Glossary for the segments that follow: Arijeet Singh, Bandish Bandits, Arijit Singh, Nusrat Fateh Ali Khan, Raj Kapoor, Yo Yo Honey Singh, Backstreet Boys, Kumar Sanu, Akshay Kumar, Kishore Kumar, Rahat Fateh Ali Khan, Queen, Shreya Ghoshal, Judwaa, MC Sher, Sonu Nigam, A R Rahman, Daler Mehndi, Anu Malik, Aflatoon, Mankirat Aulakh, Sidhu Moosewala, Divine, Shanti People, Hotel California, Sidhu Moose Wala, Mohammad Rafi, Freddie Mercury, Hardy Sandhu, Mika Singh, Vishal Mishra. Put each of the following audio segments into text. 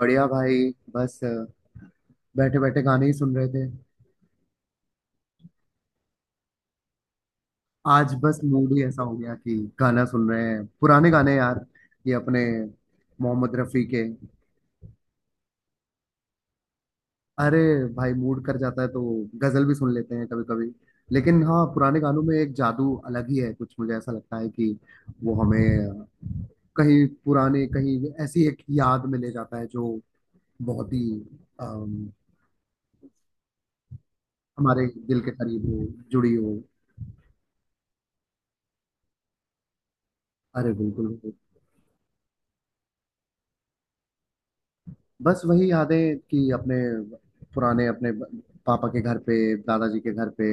बढ़िया भाई। बस बैठे बैठे गाने ही सुन रहे थे। आज बस मूड ही ऐसा हो गया कि गाना सुन रहे हैं, पुराने गाने यार। ये अपने मोहम्मद रफ़ी के। अरे भाई, मूड कर जाता है तो गजल भी सुन लेते हैं कभी कभी। लेकिन हाँ, पुराने गानों में एक जादू अलग ही है कुछ, मुझे ऐसा लगता है कि वो हमें कहीं पुराने, कहीं ऐसी एक याद में ले जाता है जो बहुत ही अम, हमारे दिल के करीब हो, जुड़ी हो। अरे बिल्कुल। बस वही यादें कि अपने पुराने, अपने पापा के घर पे, दादाजी के घर पे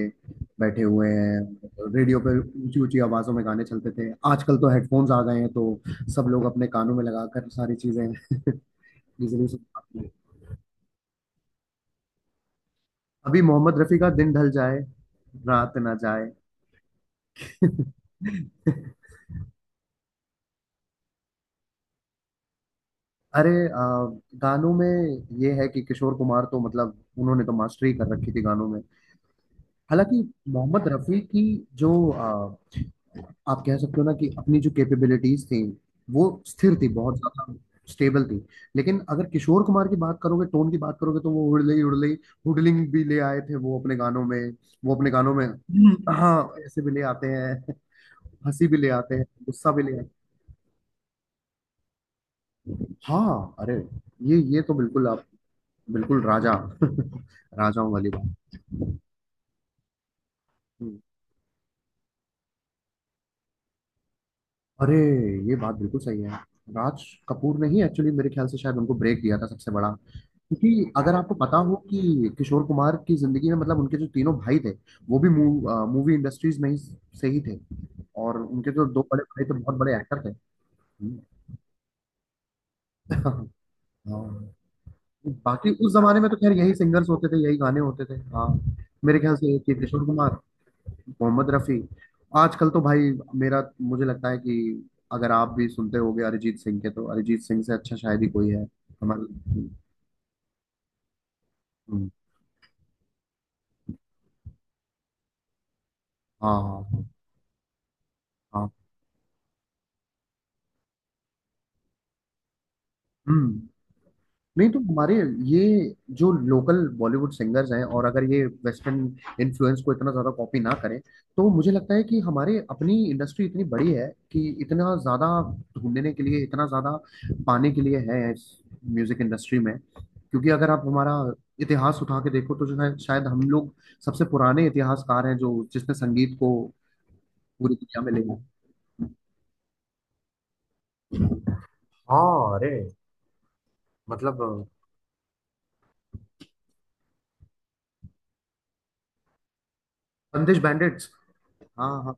बैठे हुए हैं, रेडियो पे ऊंची ऊंची आवाजों में गाने चलते थे। आजकल तो हेडफोन्स आ गए हैं तो सब लोग अपने कानों में लगाकर सारी चीजें इजीली सुन पाते हैं। अभी मोहम्मद रफी का दिन ढल जाए, रात ना जाए। अरे गानों में ये है कि किशोर कुमार तो मतलब उन्होंने तो मास्टरी कर रखी थी गानों में। हालांकि मोहम्मद रफी की जो, आप कह सकते हो ना कि अपनी जो कैपेबिलिटीज थी वो स्थिर थी बहुत ज्यादा, स्टेबल थी। लेकिन अगर किशोर कुमार की बात करोगे, टोन की बात करोगे, तो वो हुडले हुडले हुडलिंग भी ले आए थे वो अपने गानों में। वो अपने गानों में हाँ, ऐसे भी ले आते हैं, हंसी भी ले आते हैं, गुस्सा भी ले आते हैं। हाँ अरे, ये तो बिल्कुल आप, बिल्कुल राजा राजाओं वाली बात। हम्म। अरे ये बात बिल्कुल सही है। राज कपूर ने ही एक्चुअली मेरे ख्याल से शायद उनको ब्रेक दिया था सबसे बड़ा। क्योंकि अगर आपको पता हो कि किशोर कुमार की जिंदगी में, मतलब उनके जो तीनों भाई थे वो भी मूवी इंडस्ट्रीज में ही से ही थे। और उनके जो दो बड़े भाई थे बहुत बड़े एक्टर थे। हम्म। हाँ। बाकी उस जमाने में तो खैर यही सिंगर्स होते थे, यही गाने होते थे। हाँ, मेरे ख्याल से कि किशोर कुमार, मोहम्मद रफी। आजकल तो भाई मेरा, मुझे लगता है कि अगर आप भी सुनते होगे अरिजीत सिंह के, तो अरिजीत सिंह से अच्छा शायद ही कोई है हमारे। हम्म। हाँ हाँ हाँ। हम्म। नहीं तो हमारे ये जो लोकल बॉलीवुड सिंगर्स हैं, और अगर ये वेस्टर्न इन्फ्लुएंस को इतना ज्यादा कॉपी ना करें, तो मुझे लगता है कि हमारे अपनी इंडस्ट्री इतनी बड़ी है कि इतना ज्यादा ढूंढने के लिए, इतना ज्यादा पाने के लिए है इस म्यूजिक इंडस्ट्री में। क्योंकि अगर आप हमारा इतिहास उठा के देखो तो जो है शायद हम लोग सबसे पुराने इतिहासकार हैं जो, जिसने संगीत को पूरी दुनिया में ले आया। हाँ अरे मतलब बंदिश बैंडिट्स। हाँ हाँ,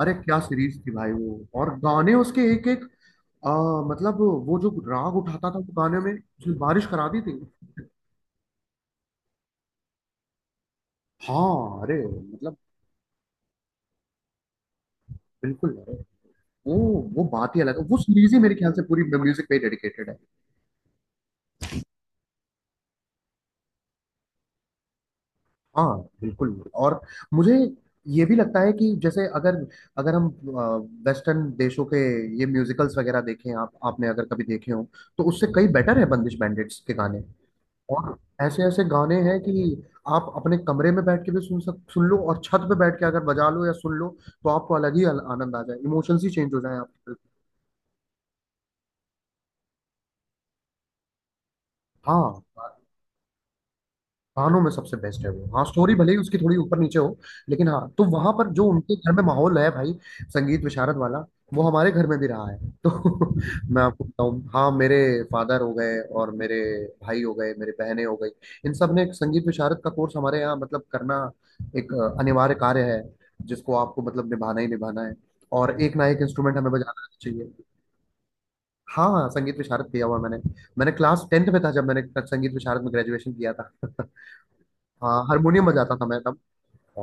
अरे क्या सीरीज थी भाई वो, और गाने उसके एक एक। आ, मतलब वो जो राग उठाता था, वो गाने में उसने बारिश करा दी थी। हाँ अरे मतलब बिल्कुल। अरे वो वो बात ही अलग है, वो सीरीज ही मेरे ख्याल से पूरी म्यूजिक पे डेडिकेटेड है। हाँ बिल्कुल। और मुझे ये भी लगता है कि जैसे अगर, अगर हम वेस्टर्न देशों के ये म्यूजिकल्स वगैरह देखें, आप आपने अगर कभी देखे हो, तो उससे कई बेटर है बंदिश बैंडिट्स के गाने। और ऐसे ऐसे गाने हैं कि आप अपने कमरे में बैठ के भी सुन लो, और छत पे बैठ के अगर बजा लो या सुन लो, तो आपको अलग ही आनंद आ जाए, इमोशंस ही चेंज हो जाए आपके। हाँ, कहानों में सबसे बेस्ट है वो। हाँ, स्टोरी भले ही उसकी थोड़ी ऊपर नीचे हो, लेकिन हाँ। तो वहां पर जो उनके घर में माहौल है भाई, संगीत विशारद वाला, वो हमारे घर में भी रहा है। तो मैं आपको बताऊं, हाँ, मेरे फादर हो गए, और मेरे भाई हो गए, मेरे बहनें हो गई। इन सब ने एक संगीत विशारद का कोर्स हमारे यहाँ मतलब करना, एक अनिवार्य कार्य है, जिसको आपको मतलब निभाना ही निभाना है। और एक ना एक इंस्ट्रूमेंट हमें बजाना आना चाहिए। हाँ हाँ, संगीत विशारद किया हुआ मैंने। मैंने क्लास टेंथ में था जब मैंने संगीत विशारद में ग्रेजुएशन किया था। हाँ, हारमोनियम बजाता था मैं तब।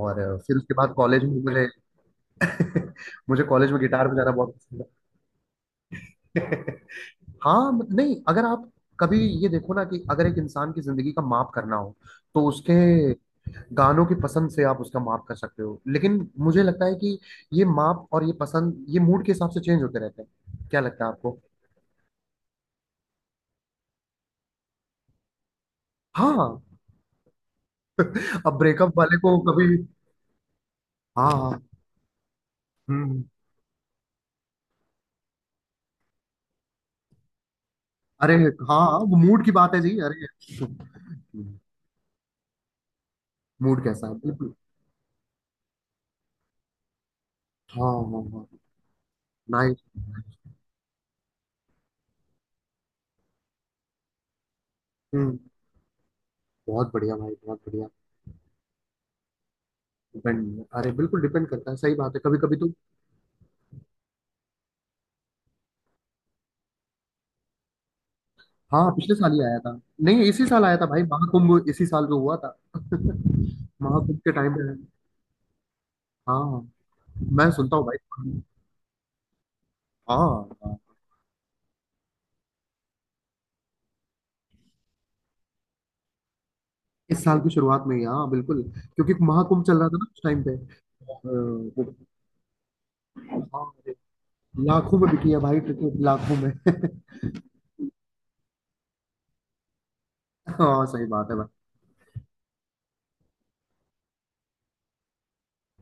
और फिर उसके बाद कॉलेज में मुझे, मुझे कॉलेज में गिटार बजाना बहुत पसंद है। हाँ नहीं, अगर आप कभी ये देखो ना कि अगर एक इंसान की जिंदगी का माप करना हो, तो उसके गानों की पसंद से आप उसका माप कर सकते हो। लेकिन मुझे लगता है कि ये माप और ये पसंद, ये मूड के हिसाब से चेंज होते रहते हैं। क्या लगता है आपको? हाँ। अब ब्रेकअप वाले को कभी, हाँ हाँ। हम्म। अरे हाँ, वो मूड की बात है जी अरे। मूड कैसा है। हाँ हाँ हाँ, नाइस। हम्म। बहुत बढ़िया भाई, बहुत बढ़िया। डिपेंड, अरे बिल्कुल डिपेंड करता है, सही बात है कभी कभी तो। हाँ पिछले साल ही आया था। नहीं इसी साल आया था भाई, महाकुंभ इसी साल जो हुआ था, महाकुंभ के टाइम पे। हाँ हाँ, मैं सुनता हूँ भाई। हाँ हाँ, इस साल की शुरुआत में ही, हाँ बिल्कुल। क्योंकि महाकुंभ चल रहा था ना उस टाइम पे। और, वो- हाँ, अरे, लाखों में बिकी है भाई टिकट, लाखों में। हाँ सही बात है भाई।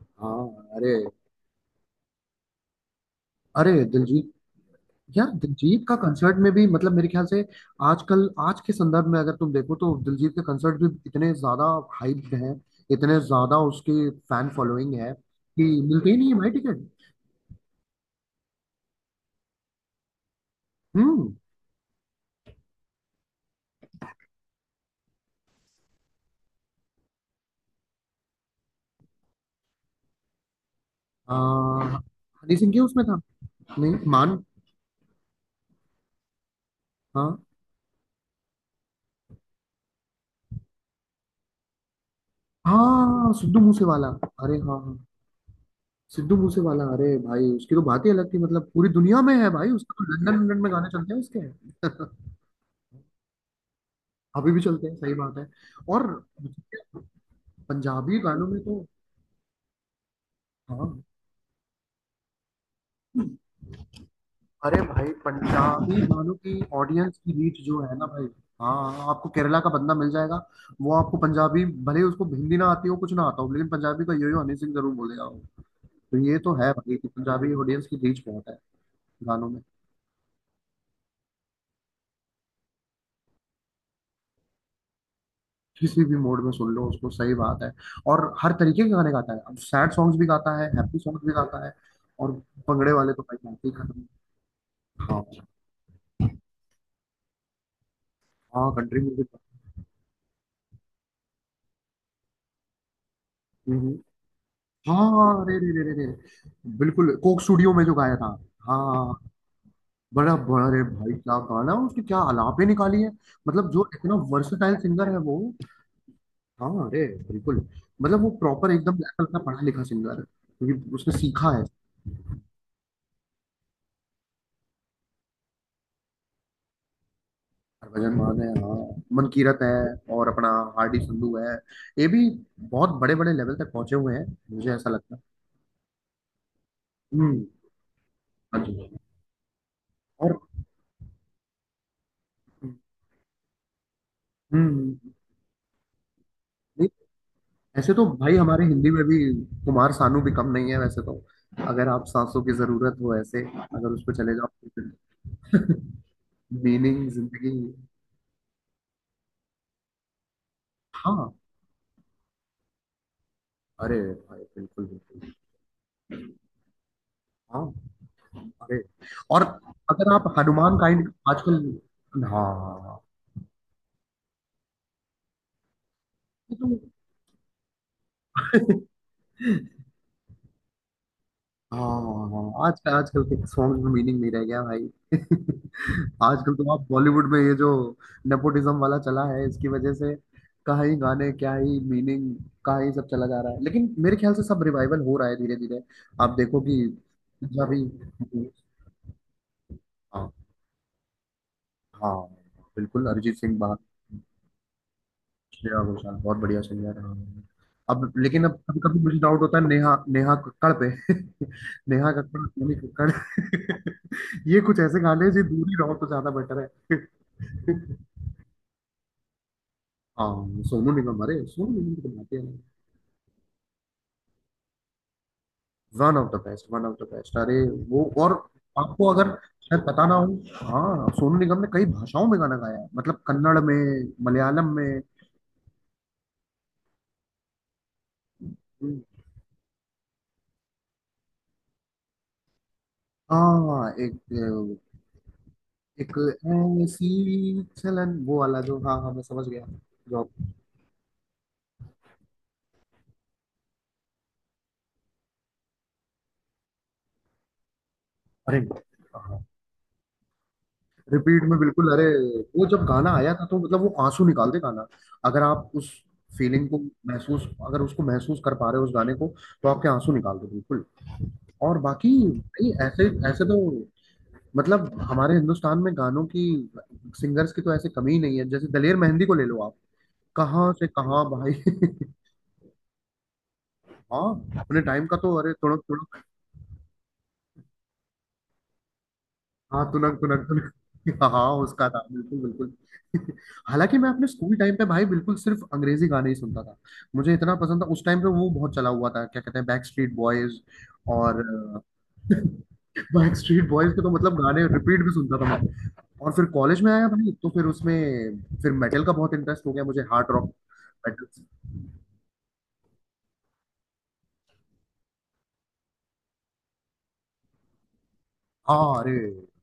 हाँ अरे। अरे दिलजीत, यार दिलजीत का कंसर्ट में भी मतलब मेरे ख्याल से, आजकल आज के संदर्भ में अगर तुम देखो तो दिलजीत के कंसर्ट भी इतने ज्यादा हाइप हैं, इतने ज्यादा उसकी फैन फॉलोइंग है कि मिलते ही नहीं है भाई टिकट। हम्म। आ, हनी सिंह के उसमें था। नहीं मान, हाँ हाँ सिद्धू मूसेवाला। अरे हाँ हाँ, सिद्धू मूसेवाला, अरे भाई उसकी तो बात ही अलग थी मतलब, पूरी दुनिया में है भाई उसका तो, लंदन, लंदन में गाने चलते हैं उसके। अभी भी चलते हैं, सही बात है। और पंजाबी गानों में तो, हाँ अरे भाई पंजाबी गानों की ऑडियंस की रीच जो है ना भाई, हाँ हाँ, आपको केरला का बंदा मिल जाएगा, वो आपको पंजाबी, भले उसको हिंदी ना आती हो, कुछ ना आता हो, लेकिन पंजाबी का यो यो हनी सिंह जरूर बोलेगा वो। तो ये तो है भाई कि पंजाबी ऑडियंस की रीच बहुत है गानों में। किसी भी मोड में सुन लो उसको, सही बात है। और हर तरीके के गाने गाता है, अब सैड सॉन्ग्स भी गाता है, हैप्पी सॉन्ग्स भी गाता है। और भंगड़े वाले तो भाई बात ही खत्म। हाँ, हाँ कंट्री म्यूजिक। हाँ हाँ, अरे रे रे रे रे, बिल्कुल कोक स्टूडियो में जो गाया था। हाँ, बड़ा बड़ा रे भाई, क्या गाना है, उसकी क्या अलापे निकाली है, मतलब जो इतना वर्सेटाइल सिंगर है वो। हाँ अरे बिल्कुल। मतलब वो प्रॉपर एकदम ऐसा लगता है पढ़ा लिखा सिंगर है, क्योंकि उसने सीखा है। भजन मान है हाँ, मनकीरत है, और अपना हार्डी संधू है। ये भी बहुत बड़े बड़े लेवल तक पहुंचे हुए हैं, मुझे ऐसा लगता है। हम्म। हाँ जी। और, हम्म। नहीं, ऐसे तो भाई हमारे हिंदी में भी कुमार सानू भी कम नहीं है वैसे तो, अगर आप सांसों की जरूरत हो, ऐसे अगर उस पर चले जाओ, मीनिंग जिंदगी। हाँ अरे भाई बिल्कुल बिल्कुल। हाँ अरे, और अगर आप हनुमान काइंड आजकल, हाँ हाँ हाँ। हाँ, हाँ, आज आजकल के सॉन्ग में मीनिंग नहीं रह गया भाई। आजकल तो आप बॉलीवुड में ये जो नेपोटिज्म वाला चला है इसकी वजह से, क्या ही गाने, क्या ही मीनिंग, क्या ही सब चला जा रहा है। लेकिन मेरे ख्याल से सब रिवाइवल हो रहा है धीरे धीरे। आप देखो कि पंजाबी, हाँ हाँ बिल्कुल अरिजीत सिंह बाहर, श्रेया घोषाल बहुत बढ़िया सिंगर है हाँ। अब लेकिन अब कभी कभी मुझे डाउट होता है नेहा नेहा कक्कड़ पे। नेहा कक्कड़ और सोनी कक्कड़। ये कुछ ऐसे गाने हैं, जो दूर ही रहो तो ज्यादा बेटर है। हाँ सोनू निगम, अरे सोनू निगम की तो बात ही अलग है। One of the best, one of the best. अरे वो और, आपको अगर शायद पता ना हो, हाँ सोनू निगम ने कई भाषाओं में गाना गाया है, मतलब कन्नड़ में, मलयालम में। हाँ एक, एक ऐसी चलन वो वाला जो, हाँ हाँ मैं समझ गया। जो अरे हाँ, रिपीट में बिल्कुल। अरे वो जब गाना आया था तो मतलब वो आंसू निकाल दे गाना। अगर आप उस फीलिंग को महसूस, अगर उसको महसूस कर पा रहे हो उस गाने को, तो आपके आंसू निकाल दे बिल्कुल। और बाकी भाई ऐसे ऐसे तो, मतलब हमारे हिंदुस्तान में गानों की, सिंगर्स की तो ऐसे कमी ही नहीं है। जैसे दलेर मेहंदी को ले लो आप, कहाँ से कहाँ भाई। हाँ अपने टाइम का तो अरे, तुड़क, हाँ तुनक तुनक तुनक। हाँ हाँ, उसका था, बिल्कुल बिल्कुल। हालांकि मैं अपने स्कूल टाइम पे भाई बिल्कुल सिर्फ अंग्रेजी गाने ही सुनता था। मुझे इतना पसंद था उस टाइम पे, वो बहुत चला हुआ था, क्या कहते हैं, बैक स्ट्रीट बॉयज। और बैक स्ट्रीट बॉयज के तो मतलब गाने रिपीट भी सुनता था मैं। और फिर कॉलेज में आया भाई, तो फिर उसमें, फिर मेटल का बहुत इंटरेस्ट हो गया मुझे हार्ड रॉक मेटल। हाँ। अरे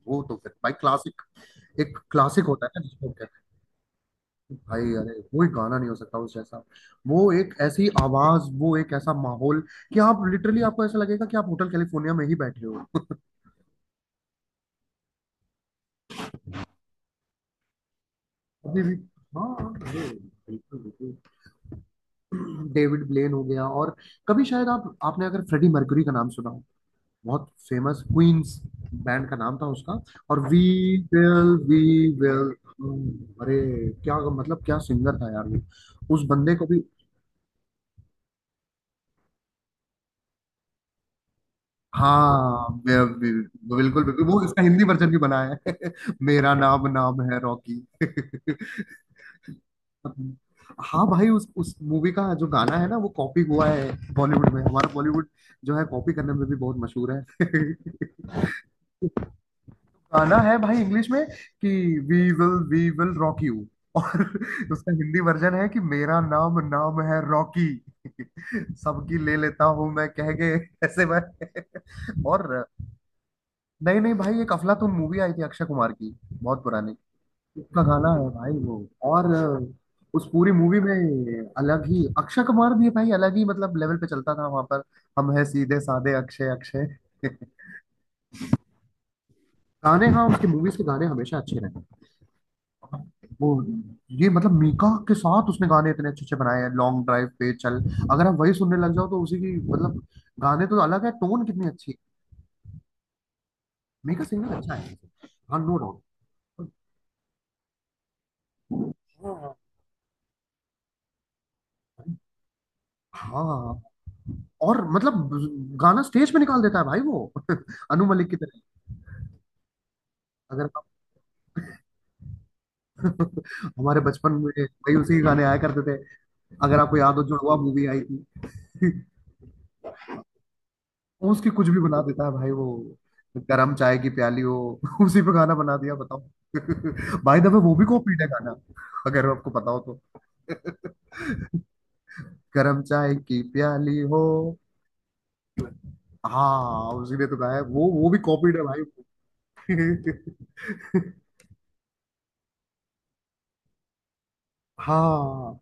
वो तो फिर भाई क्लासिक। एक क्लासिक होता है ना जिसको। भाई अरे कोई गाना नहीं हो सकता उस जैसा। वो एक ऐसी आवाज वो एक ऐसा माहौल कि आप लिटरली आपको ऐसा लगेगा कि आप होटल कैलिफोर्निया में ही बैठे हो। अभी भी। हाँ। अरे बिल्कुल बिल्कुल। डेविड ब्लेन हो गया। और कभी शायद आप आपने अगर फ्रेडी मर्क्यूरी का नाम सुना हो। बहुत फेमस क्वींस बैंड का नाम था उसका। और वी विल वी विल। अरे क्या मतलब क्या सिंगर था यार वो उस बंदे को भी। हाँ। बिल्कुल बिल्कुल वो इसका हिंदी वर्जन भी बना है। मेरा नाम नाम है रॉकी। हाँ भाई उस मूवी का जो गाना है ना वो कॉपी हुआ है बॉलीवुड में। हमारा बॉलीवुड जो है कॉपी करने में भी बहुत मशहूर है। गाना है भाई इंग्लिश में कि वी विल रॉक यू। और उसका हिंदी वर्जन है कि मेरा नाम नाम है रॉकी। सबकी ले लेता हूं मैं कह के ऐसे भाई। और नहीं नहीं भाई एक अफलातून मूवी आई थी अक्षय कुमार की बहुत पुरानी। उसका गाना है भाई वो। और उस पूरी मूवी में अलग ही अक्षय कुमार भी भाई अलग ही मतलब लेवल पे चलता था वहां पर। हम है सीधे साधे अक्षय अक्षय। गाने हाँ उसकी मूवीज के गाने हमेशा अच्छे रहे। वो ये मतलब मीका के साथ उसने गाने इतने अच्छे अच्छे बनाए हैं लॉन्ग ड्राइव पे चल। अगर आप वही सुनने लग जाओ तो उसी की मतलब गाने तो अलग है टोन कितनी अच्छी है। मीका सिंगर अच्छा है। हाँ नो डाउट। हाँ और मतलब गाना स्टेज पे निकाल देता है भाई वो। अनु मलिक की तरह। अगर आप हमारे बचपन में भाई उसी के गाने आया करते थे। अगर आपको याद हो जुड़वा मूवी आई थी। उसकी कुछ भी बना देता है भाई वो। गरम चाय की प्याली हो उसी पे गाना बना दिया बताओ। बाय द वे वो भी कॉपीड है गाना अगर आपको पता हो तो। गरम चाय की प्याली हो। हाँ उसी ने तो गाया है। वो भी कॉपीड है भाई। हाँ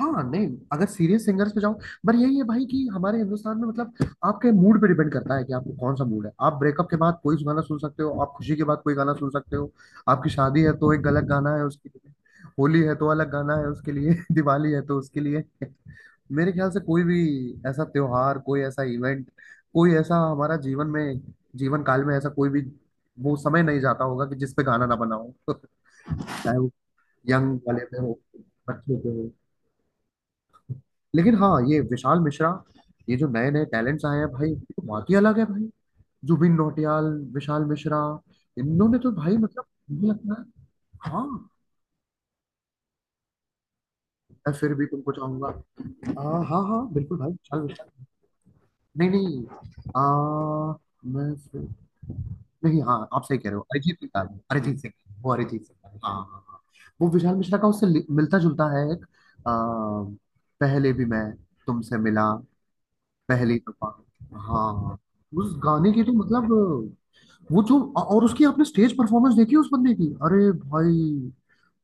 हाँ नहीं अगर सीरियस सिंगर्स पे जाओ। पर यही है भाई कि हमारे हिंदुस्तान में मतलब आपके मूड पे डिपेंड करता है कि आपको कौन सा मूड है। आप ब्रेकअप के बाद कोई गाना सुन सकते हो। आप खुशी के बाद कोई गाना सुन सकते हो। आपकी शादी है तो एक अलग गाना है उसके लिए। होली है तो अलग गाना है उसके लिए। दिवाली है तो उसके लिए। मेरे ख्याल से कोई भी ऐसा त्योहार कोई ऐसा इवेंट कोई ऐसा हमारा जीवन में जीवन काल में ऐसा कोई भी वो समय नहीं जाता होगा कि जिस पे गाना ना बना हो। चाहे वो यंग वाले पे हो बच्चों पे हो। लेकिन हाँ ये विशाल मिश्रा ये जो नए नए टैलेंट्स आए हैं भाई बात ही अलग है भाई। जुबिन नौटियाल विशाल मिश्रा इन्होंने तो भाई मतलब मुझे लगता है। हाँ मैं फिर भी तुमको चाहूंगा। आ, हाँ हाँ बिल्कुल भाई विशाल मिश्रा। नहीं नहीं। आ, मैं फिर नहीं। हाँ आप सही कह रहे हो अरिजीत सिंह का है, अरिजीत सिंह। वो अरिजीत सिंह का है, हाँ हाँ हाँ। वो विशाल मिश्रा का उससे मिलता जुलता है एक। आ, पहले भी मैं तुमसे मिला पहली दफा। हाँ उस गाने की तो मतलब वो जो और उसकी आपने स्टेज परफॉर्मेंस देखी उस बंदे की अरे भाई।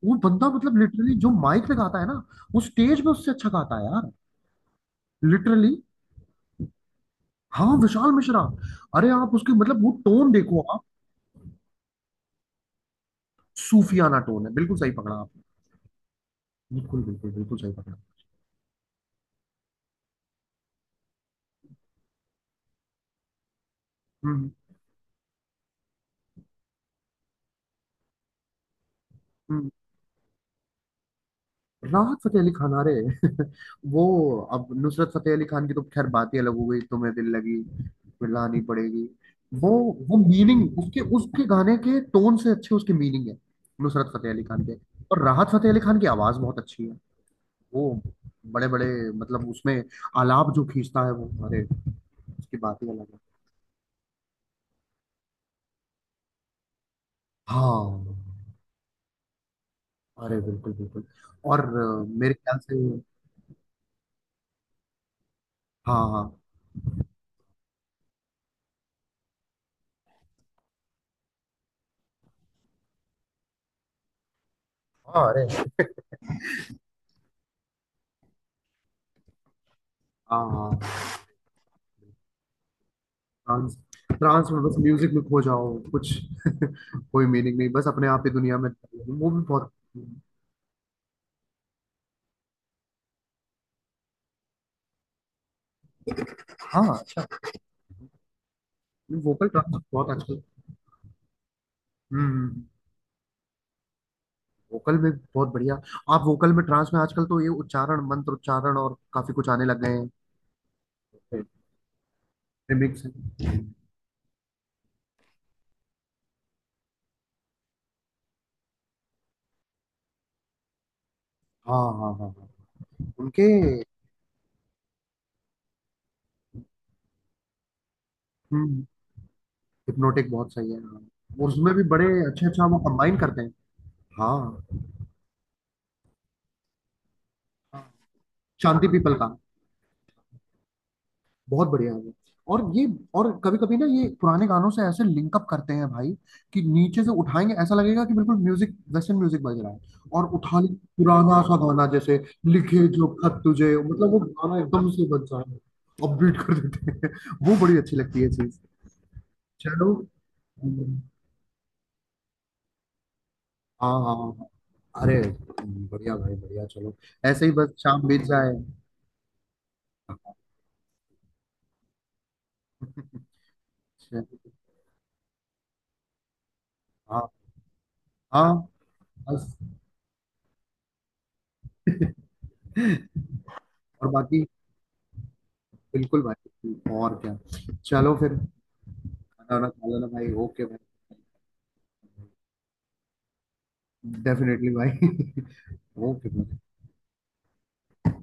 वो बंदा मतलब लिटरली जो माइक पे गाता है ना वो स्टेज पे उससे अच्छा गाता है यार। लिटरली। हाँ विशाल मिश्रा। अरे आप उसके मतलब वो टोन देखो आप। सूफियाना टोन है बिल्कुल सही पकड़ा आपने। बिल्कुल बिल्कुल बिल्कुल सही पकड़ा। हम्म। हम्म। राहत फतेह अली खान। अरे वो। अब नुसरत फतेह अली खान की तो खैर बात ही अलग हो गई। तुम्हें दिल लगी फिर लानी पड़ेगी। वो वो मीनिंग उसके उसके गाने के टोन से अच्छे उसके मीनिंग है नुसरत फतेह अली खान के। और राहत फतेह अली खान की आवाज बहुत अच्छी है। वो बड़े बड़े मतलब उसमें आलाप जो खींचता है वो अरे उसकी बात ही अलग है। हाँ अरे बिल्कुल बिल्कुल। और मेरे ख्याल से। हाँ हाँ हाँ। अरे हाँ हाँ। ट्रांस। ट्रांस में बस म्यूजिक में खो जाओ कुछ। कोई मीनिंग नहीं बस अपने आप ही दुनिया में। वो भी बहुत। हाँ वोकल ट्रांस बहुत आजकल। हम्म। वोकल में बहुत बढ़िया। आप वोकल में ट्रांस में आजकल तो ये उच्चारण मंत्र उच्चारण और काफी कुछ आने लग गए हैं। रिमिक्स। हाँ हाँ हाँ हाँ उनके। हम्म। हिप्नोटिक बहुत सही है हाँ। उसमें भी बड़े अच्छे अच्छा वो कंबाइन करते हैं। हाँ हाँ, शांति पीपल का बहुत बढ़िया है वो। और ये और कभी कभी ना ये पुराने गानों से ऐसे लिंकअप करते हैं भाई कि नीचे से उठाएंगे ऐसा लगेगा कि बिल्कुल म्यूजिक वेस्टर्न म्यूजिक बज रहा है। और उठा ले पुराना सा गाना जैसे लिखे जो खत तुझे मतलब वो गाना एकदम से बज रहा है। अब बीट कर देते हैं। वो बड़ी अच्छी लगती है चीज। चलो। हाँ हाँ हाँ। अरे बढ़िया भाई बढ़िया। चलो ऐसे ही बस शाम बीत जाए। अच्छा, हाँ हाँ बस। और बाकी बिल्कुल भाई। और क्या। चलो फिर। खाना वाना खा लेना भाई। ओके भाई। डेफिनेटली भाई। ओके।